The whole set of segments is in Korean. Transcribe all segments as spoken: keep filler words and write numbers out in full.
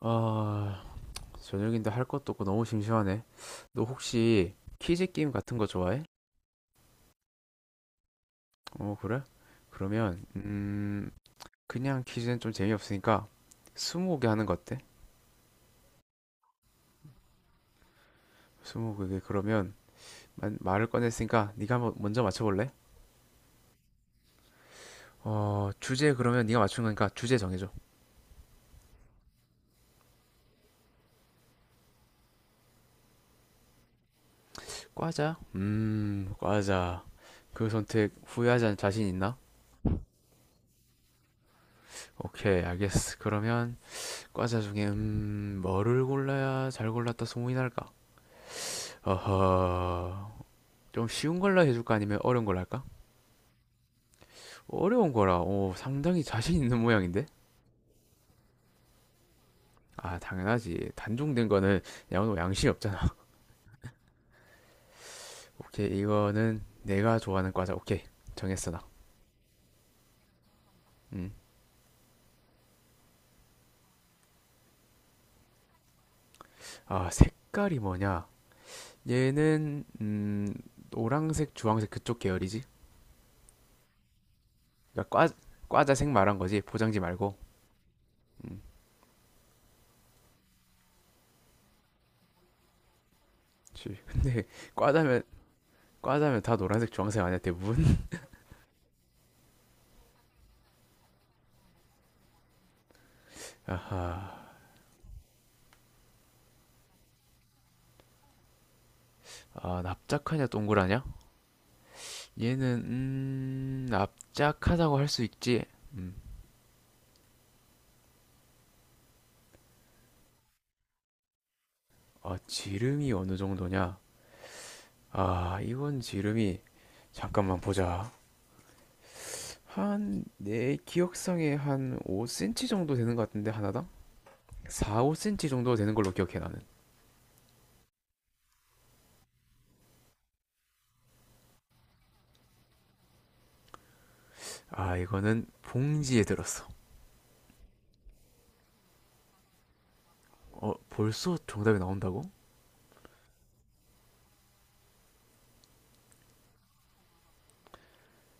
아, 저녁인데 할 것도 없고 너무 심심하네. 너 혹시 퀴즈 게임 같은 거 좋아해? 어, 그래? 그러면, 음, 그냥 퀴즈는 좀 재미없으니까 스무고개 하는 거 어때? 스무고개 그러면 마- 말을 꺼냈으니까 네가 한번 먼저 맞춰볼래? 어, 주제 그러면 네가 맞춘 거니까 주제 정해줘. 과자? 음, 과자. 그 선택 후회하지 않을 자신 있나? 오케이, 알겠어. 그러면 과자 중에 음, 뭐를 골라야 잘 골랐다 소문이 날까? 어허. 좀 쉬운 걸로 해줄까? 아니면 어려운 걸로 할까? 어려운 거라, 오, 상당히 자신 있는 모양인데? 아, 당연하지. 단종된 거는 양호 양심이 없잖아. 오케이, 이거는 내가 좋아하는 과자. 오케이, 정했어, 나. 음. 아, 색깔이 뭐냐? 얘는, 음, 노란색, 주황색 그쪽 계열이지? 그러니까 과, 과자색 말한 거지. 포장지 말고. 그치. 근데, 과자면, 과자면 다 노란색, 주황색 아니야, 대부분? 아, 아, 납작하냐, 동그라냐? 얘는 음, 납작하다고 할 수 있지. 아, 지름이 어느 정도냐? 아, 이건 지름이 잠깐만 보자. 한 내 기억상에 한 오 센티 정도 되는 것 같은데 하나당? 사, 오 센티 정도 되는 걸로 기억해 나는. 아, 이거는 봉지에 들었어. 어, 벌써 정답이 나온다고?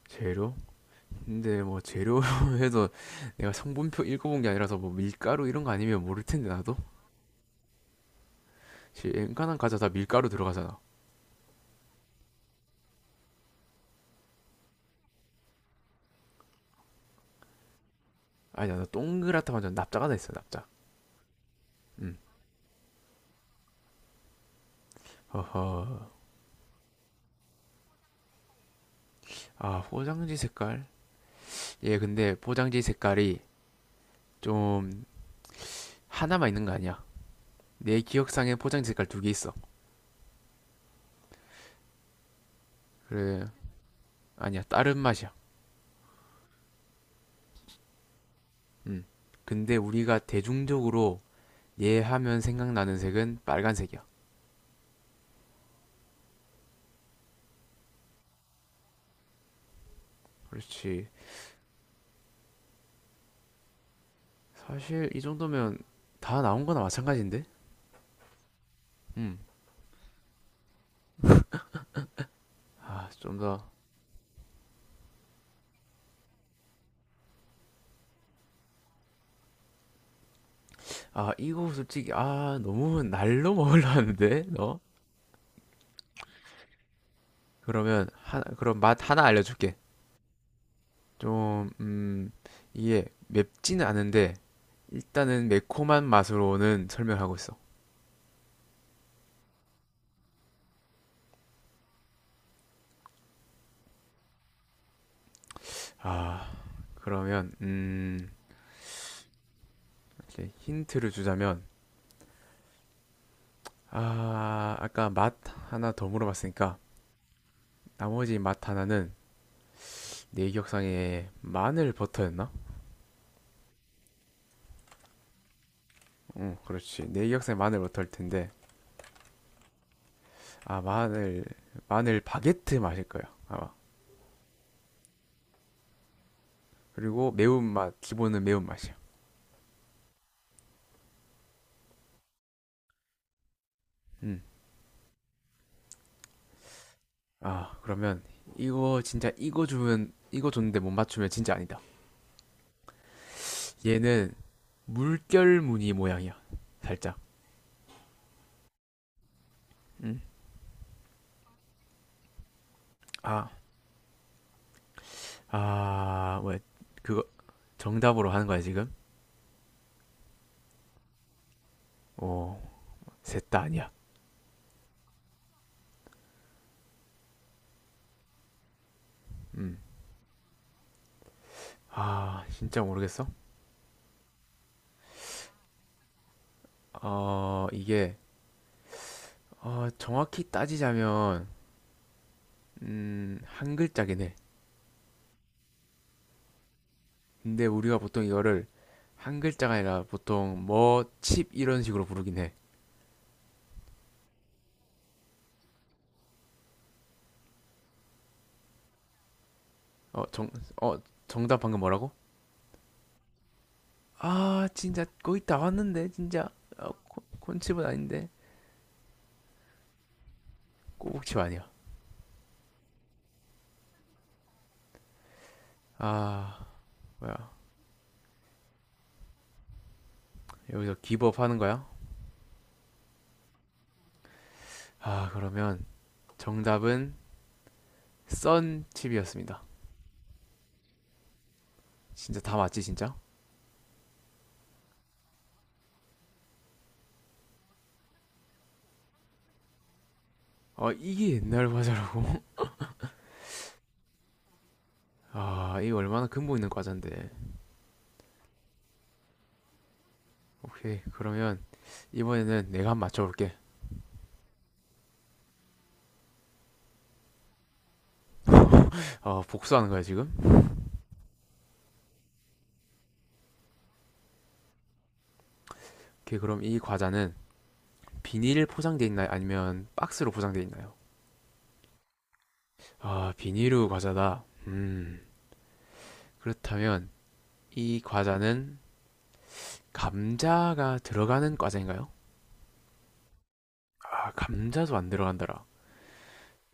재료? 근데 뭐 재료 해도 내가 성분표 읽어본 게 아니라서 뭐 밀가루 이런 거 아니면 모를 텐데 나도. 웬간한 과자 다 밀가루 들어가잖아. 아니, 나 동그랗다 완전 납작 하나 있어 납작. 음. 허허. 아, 포장지 색깔. 얘 근데 포장지 색깔이 좀 하나만 있는 거 아니야. 내 기억상에 포장지 색깔 두 개 있어. 그래. 아니야, 다른 맛이야. 음. 근데 우리가 대중적으로 얘 하면 생각나는 색은 빨간색이야. 그렇지. 사실 이 정도면 다 나온 거나 마찬가지인데. 음아좀 더. 아, 이거 솔직히 아 너무 날로 먹으려 하는데 너. 그러면 하, 그럼 맛 하나 알려줄게. 좀, 음, 이게 맵지는 않은데 일단은 매콤한 맛으로는 설명하고 있어. 아, 그러면 음, 이제 힌트를 주자면 아, 아까 맛 하나 더 물어봤으니까 나머지 맛 하나는 내 기억상에 마늘 버터였나? 응, 그렇지. 내 기억상에 마늘 버터일 텐데 아, 마늘 마늘 바게트 맛일 거야 아마. 그리고 매운맛 기본은 매운맛이야. 음. 아, 그러면 이거 진짜 이거 주면 이거 줬는데 못 맞추면 진짜 아니다. 얘는 물결 무늬 모양이야. 살짝. 음. 아, 아, 뭐야? 그거 정답으로 하는 거야, 지금? 어, 셋다 아니야. 음. 아, 진짜 모르겠어. 어, 이게 어, 정확히 따지자면 음, 한 글자긴 해. 근데 우리가 보통 이거를 한 글자가 아니라 보통 뭐 칩 이런 식으로 부르긴 해. 어, 정, 어, 정답 방금 뭐라고? 아, 진짜 거의 다 왔는데 진짜. 아, 콘- 콘칩은 아닌데 꼬북칩 아니야. 아, 뭐야? 여기서 기법하는 거야? 아, 그러면 정답은 썬칩이었습니다. 진짜 다 맞지 진짜? 아, 이게 옛날 과자라고? 아, 이거 얼마나 근본 있는 과자인데. 오케이, 그러면 이번에는 내가 한번 맞춰볼게. 어, 복수하는 거야 지금? 오케이, 그럼 이 과자는 비닐 포장돼 있나요? 아니면 박스로 포장돼 있나요? 아, 비닐우 과자다. 음, 그렇다면 이 과자는 감자가 들어가는 과자인가요? 아, 감자도 안 들어간다라.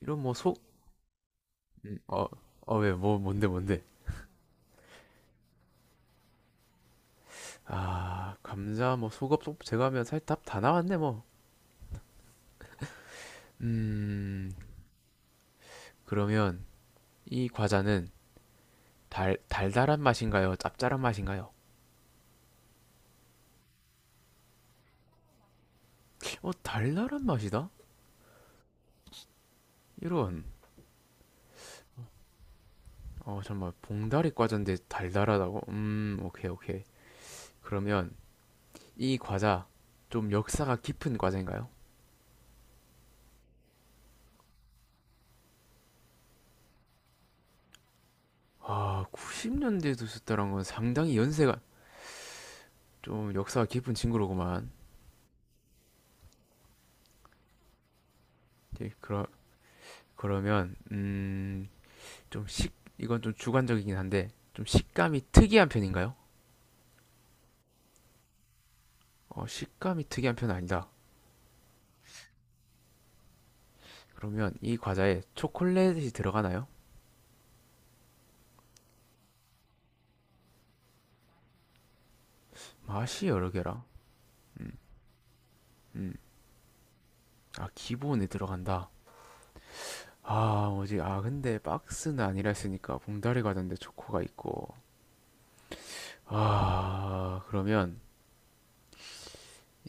이런 뭐 속, 음, 어, 어, 왜, 뭐, 뭔데, 뭔데. 아, 감자, 뭐, 속업, 속, 제가 하면 살 답 다 나왔네, 뭐. 음, 그러면 이 과자는 달, 달달한 맛인가요? 짭짤한 맛인가요? 어, 달달한 맛이다? 이런. 어, 정말 봉다리 과자인데 달달하다고? 음, 오케이, 오케이. 그러면 이 과자 좀 역사가 깊은 과자인가요? 아, 구십 년대에 두셨다는 건 상당히 연세가 좀 역사가 깊은 친구로구만. 이제 그러, 그러면, 음, 좀 식, 이건 좀 주관적이긴 한데, 좀 식감이 특이한 편인가요? 어, 식감이 특이한 편은 아니다. 그러면 이 과자에 초콜릿이 들어가나요? 맛이 여러 개라. 음, 아, 기본에 들어간다. 아, 뭐지? 아, 근데 박스는 아니라 했으니까 봉다리 과자인데 초코가 있고. 아, 그러면,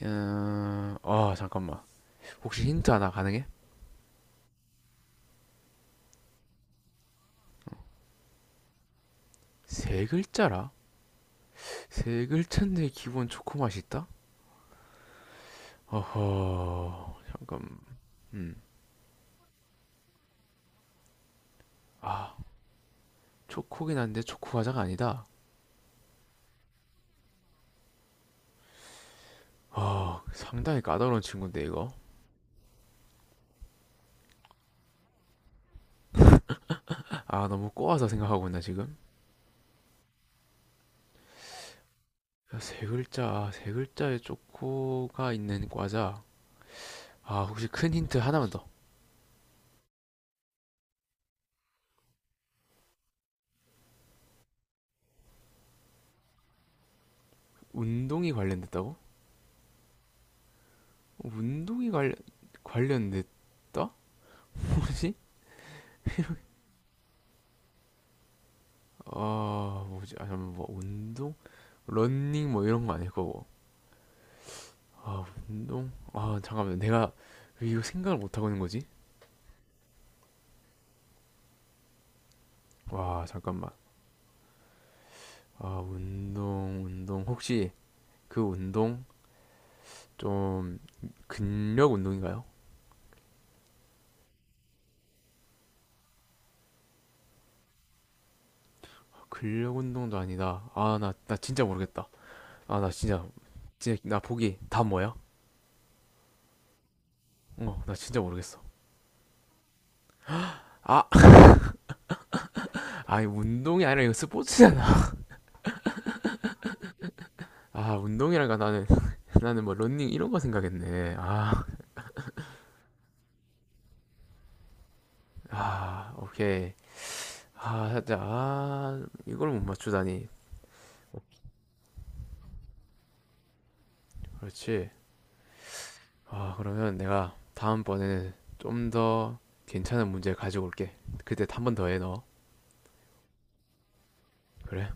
음, 아, 잠깐만. 혹시 힌트 하나 가능해? 세 글자라? 세 글자인데 기본 초코 맛이 있다? 어허 잠깐. 음. 초코긴 한데 초코 과자가 아니다. 아 상당히 까다로운 친구인데 이거. 아 너무 꼬아서 생각하고 있나 지금. 야, 세 글자 세 글자에 초코가 있는 과자. 아 혹시 큰 힌트 하나만 더. 운동이 관련됐다고? 운동이 관련 관련됐다? 뭐지? 아 뭐지? 아 잠깐 뭐 운동 런닝 뭐 이런 거 아닐 거고. 아, 운동? 아, 잠깐만. 내가 왜 이거 생각을 못 하고 있는 거지? 와, 잠깐만. 아, 운동, 운동. 혹시 그 운동 좀 근력 운동인가요? 근력 운동도 아니다. 아, 나, 나 진짜 모르겠다. 아, 나 진짜, 진짜, 나 보기 다 뭐야? 어, 나 진짜 모르겠어. 아, 아니, 운동이 아니라 이거 스포츠잖아. 아, 운동이란가 나는, 나는 뭐 런닝 이런 거 생각했네. 아, 아, 오케이. 아, 살짝, 아, 이걸 못 맞추다니. 그렇지. 아, 그러면 내가 다음번에는 좀 더 괜찮은 문제 가지고 올게. 그때 한 번 더 해, 너. 그래?